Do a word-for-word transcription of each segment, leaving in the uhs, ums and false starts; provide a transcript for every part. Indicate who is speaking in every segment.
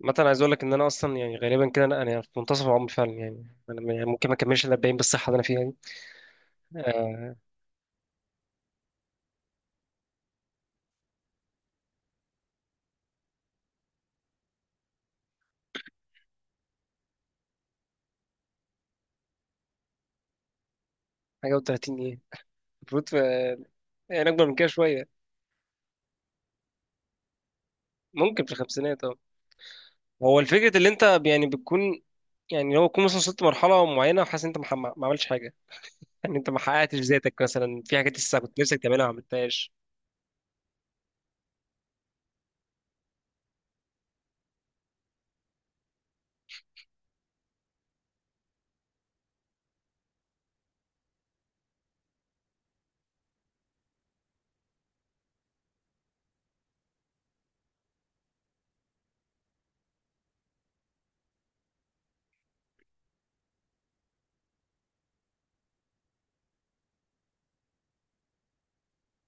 Speaker 1: مثلا عايز اقول لك ان انا اصلا يعني غالبا كده انا أنا في منتصف العمر فعلا، يعني انا م- يعني ممكن ما اكملش ال اربعين بالصحه اللي انا فيها دي. آه، حاجه وتلاتين ايه؟ المفروض في- يعني اكبر من كده شويه. ممكن في الخمسينات اه. هو الفكره اللي انت ب- يعني بتكون، يعني لو تكون مثلا وصلت لمرحله معينه وحاسس ان انت مح- ما عملتش حاجه. يعني انت ما حققتش ذاتك مثلا في حاجات لسه كنت نفسك تعملها ما عملتهاش.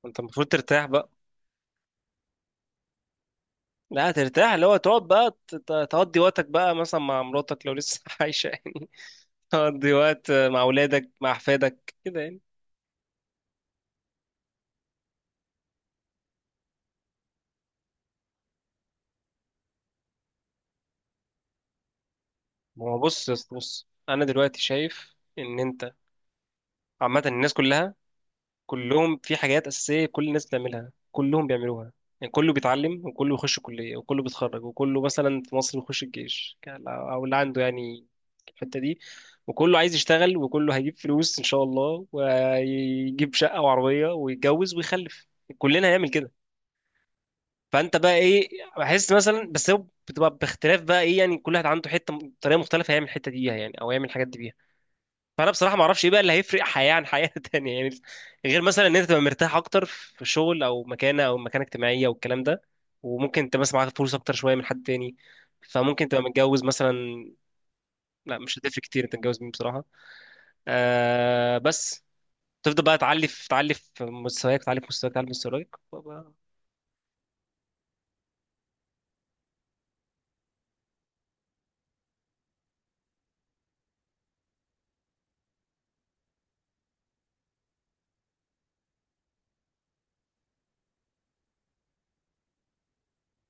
Speaker 1: انت المفروض ترتاح بقى. لا، ترتاح اللي هو تقعد بقى ت- ت- تقضي وقتك بقى مثلا مع مراتك لو لسه عايشه يعني. تقضي وقت مع اولادك مع احفادك كده يعني. ما هو بص يا اسطى، بص انا دلوقتي شايف ان انت عامه الناس كلها، كلهم في حاجات اساسيه كل الناس بتعملها كلهم بيعملوها. يعني كله بيتعلم وكله بيخش كليه وكله بيتخرج وكله مثلا في مصر بيخش الجيش، ك- او اللي عنده يعني الحته دي. وكله عايز يشتغل وكله هيجيب فلوس ان شاء الله ويجيب شقه وعربيه ويتجوز ويخلف. كلنا هنعمل كده. فانت بقى ايه؟ بحس مثلا، بس هو بتبقى باختلاف بقى ايه يعني، كل واحد عنده حته طريقه مختلفه يعمل الحته دي بيها يعني، او يعمل الحاجات دي بيها. فانا بصراحه ما اعرفش ايه بقى اللي هيفرق حياه عن حياه تانية يعني، غير مثلا ان انت تبقى مرتاح اكتر في شغل او مكانه او مكانه اجتماعيه والكلام ده. وممكن انت مثلا معاك فلوس اكتر شويه من حد تاني، فممكن تبقى متجوز مثلا. لا، مش هتفرق كتير انت متجوز مين بصراحه. آه بس تفضل بقى تعلي في تعلي في مستواك، تعلي في مستواك، تعلي في مستواك وبقى-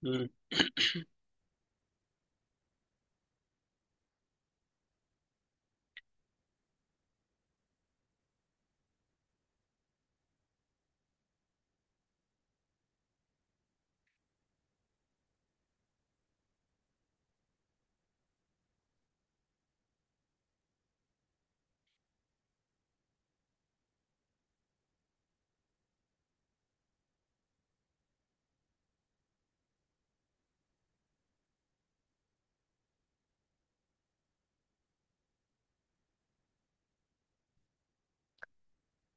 Speaker 1: مم.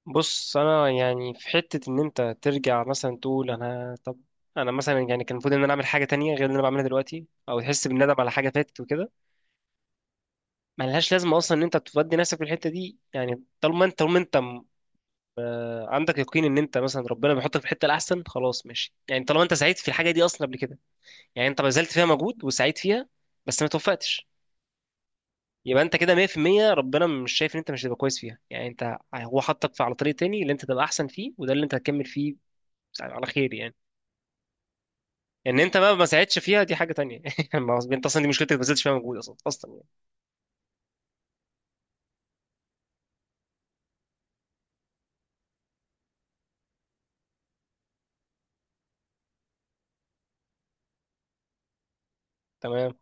Speaker 1: بص، انا يعني في حته ان انت ترجع مثلا تقول انا طب انا مثلا، يعني كان المفروض ان انا اعمل حاجه تانية غير اللي انا بعملها دلوقتي، او تحس بالندم على حاجه فاتت وكده. ما لهاش لازمه اصلا ان انت تودي نفسك في الحته دي يعني، طالما انت طالما انت م- عندك يقين ان انت مثلا ربنا بيحطك في الحته الاحسن، خلاص ماشي، يعني طالما انت سعيد في الحاجه دي اصلا قبل كده. يعني انت بذلت فيها مجهود وسعيد فيها بس ما توفقتش. يبقى انت كده ميه في الميه، ربنا مش شايف ان انت مش هتبقى كويس فيها، يعني انت هو حطك في على طريق تاني اللي انت تبقى احسن فيه وده اللي انت هتكمل فيه على خير يعني. ان انت بقى ما ساعدتش فيها دي حاجه تانية يعني، ما- انت اصلا دي مشكلتك ما بذلتش فيها مجهود اصلا اصلا يعني. تمام.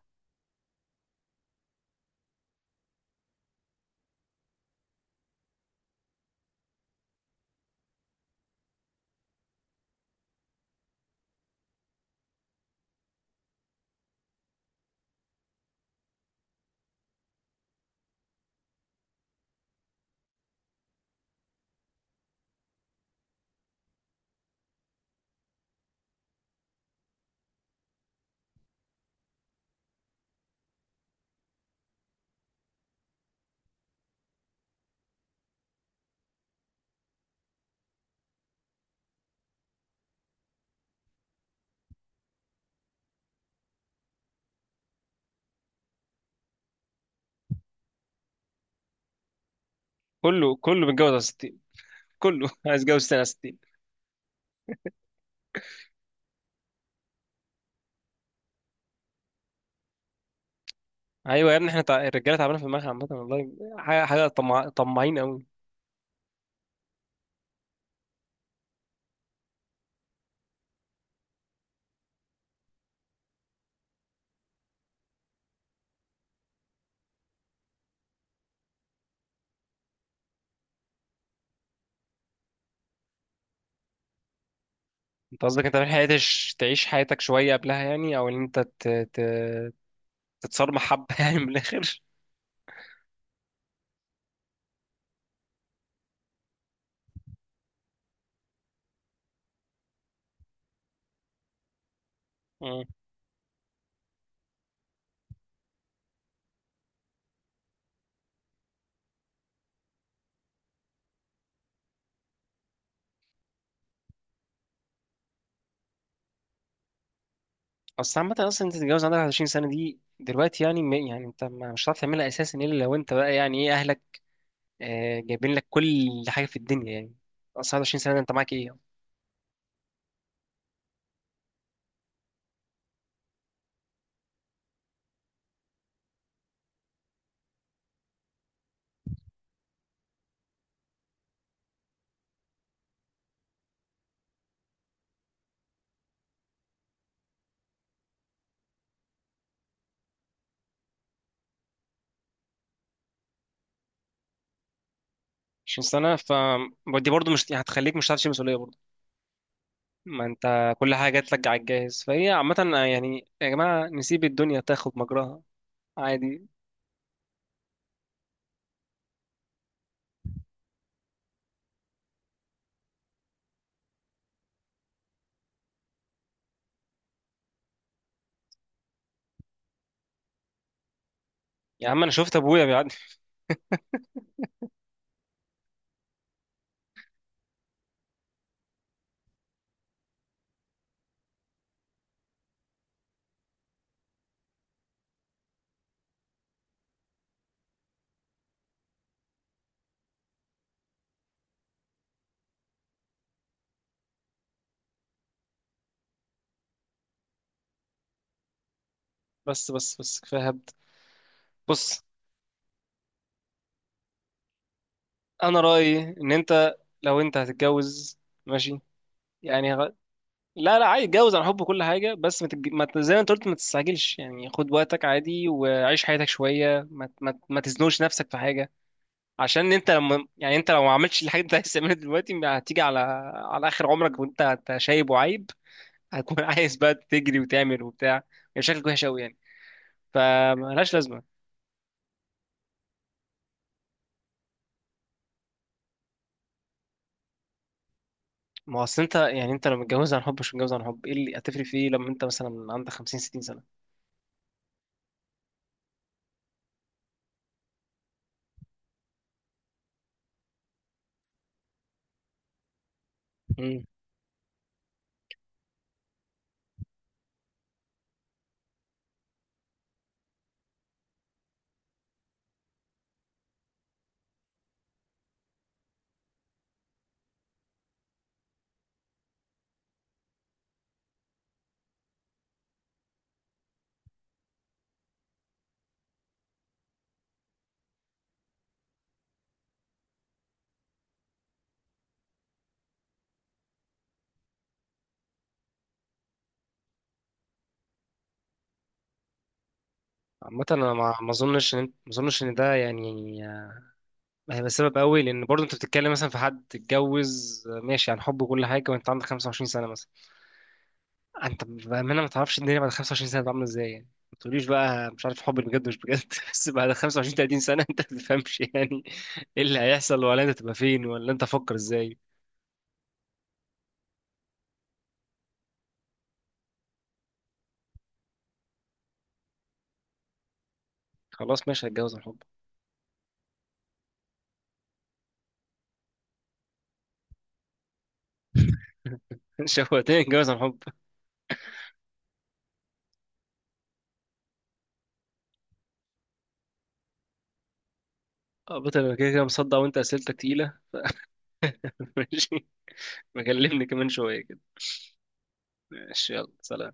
Speaker 1: كله كله متجوز على ستين، كله عايز يتجوز سنه. ايوه يا ابني، احنا تع... الرجاله تعبانه في دماغها عامه والله. حاجه حاجه، طمع... طماعين قوي. انت قصدك انت في حياتش تعيش حياتك شويه قبلها يعني، او ان انت ت... ت... تتصرمح حبه يعني من الاخر. مم. اصل عامه اصلا انت تتجوز عندك واحد وعشرين سنه دي دلوقتي، يعني م- يعني انت ما مش هتعرف تعملها اساسا الا لو انت بقى يعني ايه اهلك آه، جايبين لك كل حاجه في الدنيا يعني. اصل واحد وعشرين سنه ده انت معاك ايه؟ عشرين سنه ف دي برضه مش هتخليك مش هتعرف تشيل مسؤوليه. ما انت كل حاجه جات لك على الجاهز فهي عامه. يعني يا جماعه نسيب الدنيا تاخد مجراها عادي. يا عم انا شفت ابويا بيعدي. بس بس بس كفايه هبد. بص، انا رايي ان انت لو انت هتتجوز ماشي، يعني غ... لا لا عادي اتجوز عن حب كل حاجه، بس ما تتج... ما ت- زي ما انت قلت ما تستعجلش، يعني خد وقتك عادي وعيش حياتك شويه، ما ت- ما ت- ما تزنقش نفسك في حاجه. عشان انت لما يعني انت لو ما عملتش الحاجه اللي انت عايز تعملها دلوقتي، هتيجي على على اخر عمرك وانت أنت شايب وعايب، هتكون عايز بقى تجري وتعمل وبتاع. يعني شكلك وحش قوي يعني، فملهاش لازمه. ما هو اصل انت يعني انت لو متجوز عن حب مش متجوز عن حب ايه اللي هتفرق في ايه لما انت مثلا عندك خمسين ستين سنه؟ امم عامة، انا ما ما اظنش ان ما اظنش ان ده يعني هيبقى سبب قوي، لان برضه انت بتتكلم مثلا في حد اتجوز ماشي عن حب وكل حاجه وانت عندك خمسة وعشرين سنه مثلا. انت بامانه ما تعرفش الدنيا بعد خمسة وعشرين سنه هتبقى عامله ازاي يعني. ما تقوليش بقى مش عارف حب بجد مش بجد بس بعد خمسه وعشرين تلاتين سنه انت ما تفهمش يعني ايه اللي هيحصل، ولا انت تبقى فين، ولا انت فكر ازاي. خلاص ماشي، هتجوز عن حب. شوقتني اتجوز عن حب. اه بطل، انا كده كده مصدع وانت اسئلتك تقيله. ماشي. بكلمني كمان شويه كده. ماشي يلا سلام.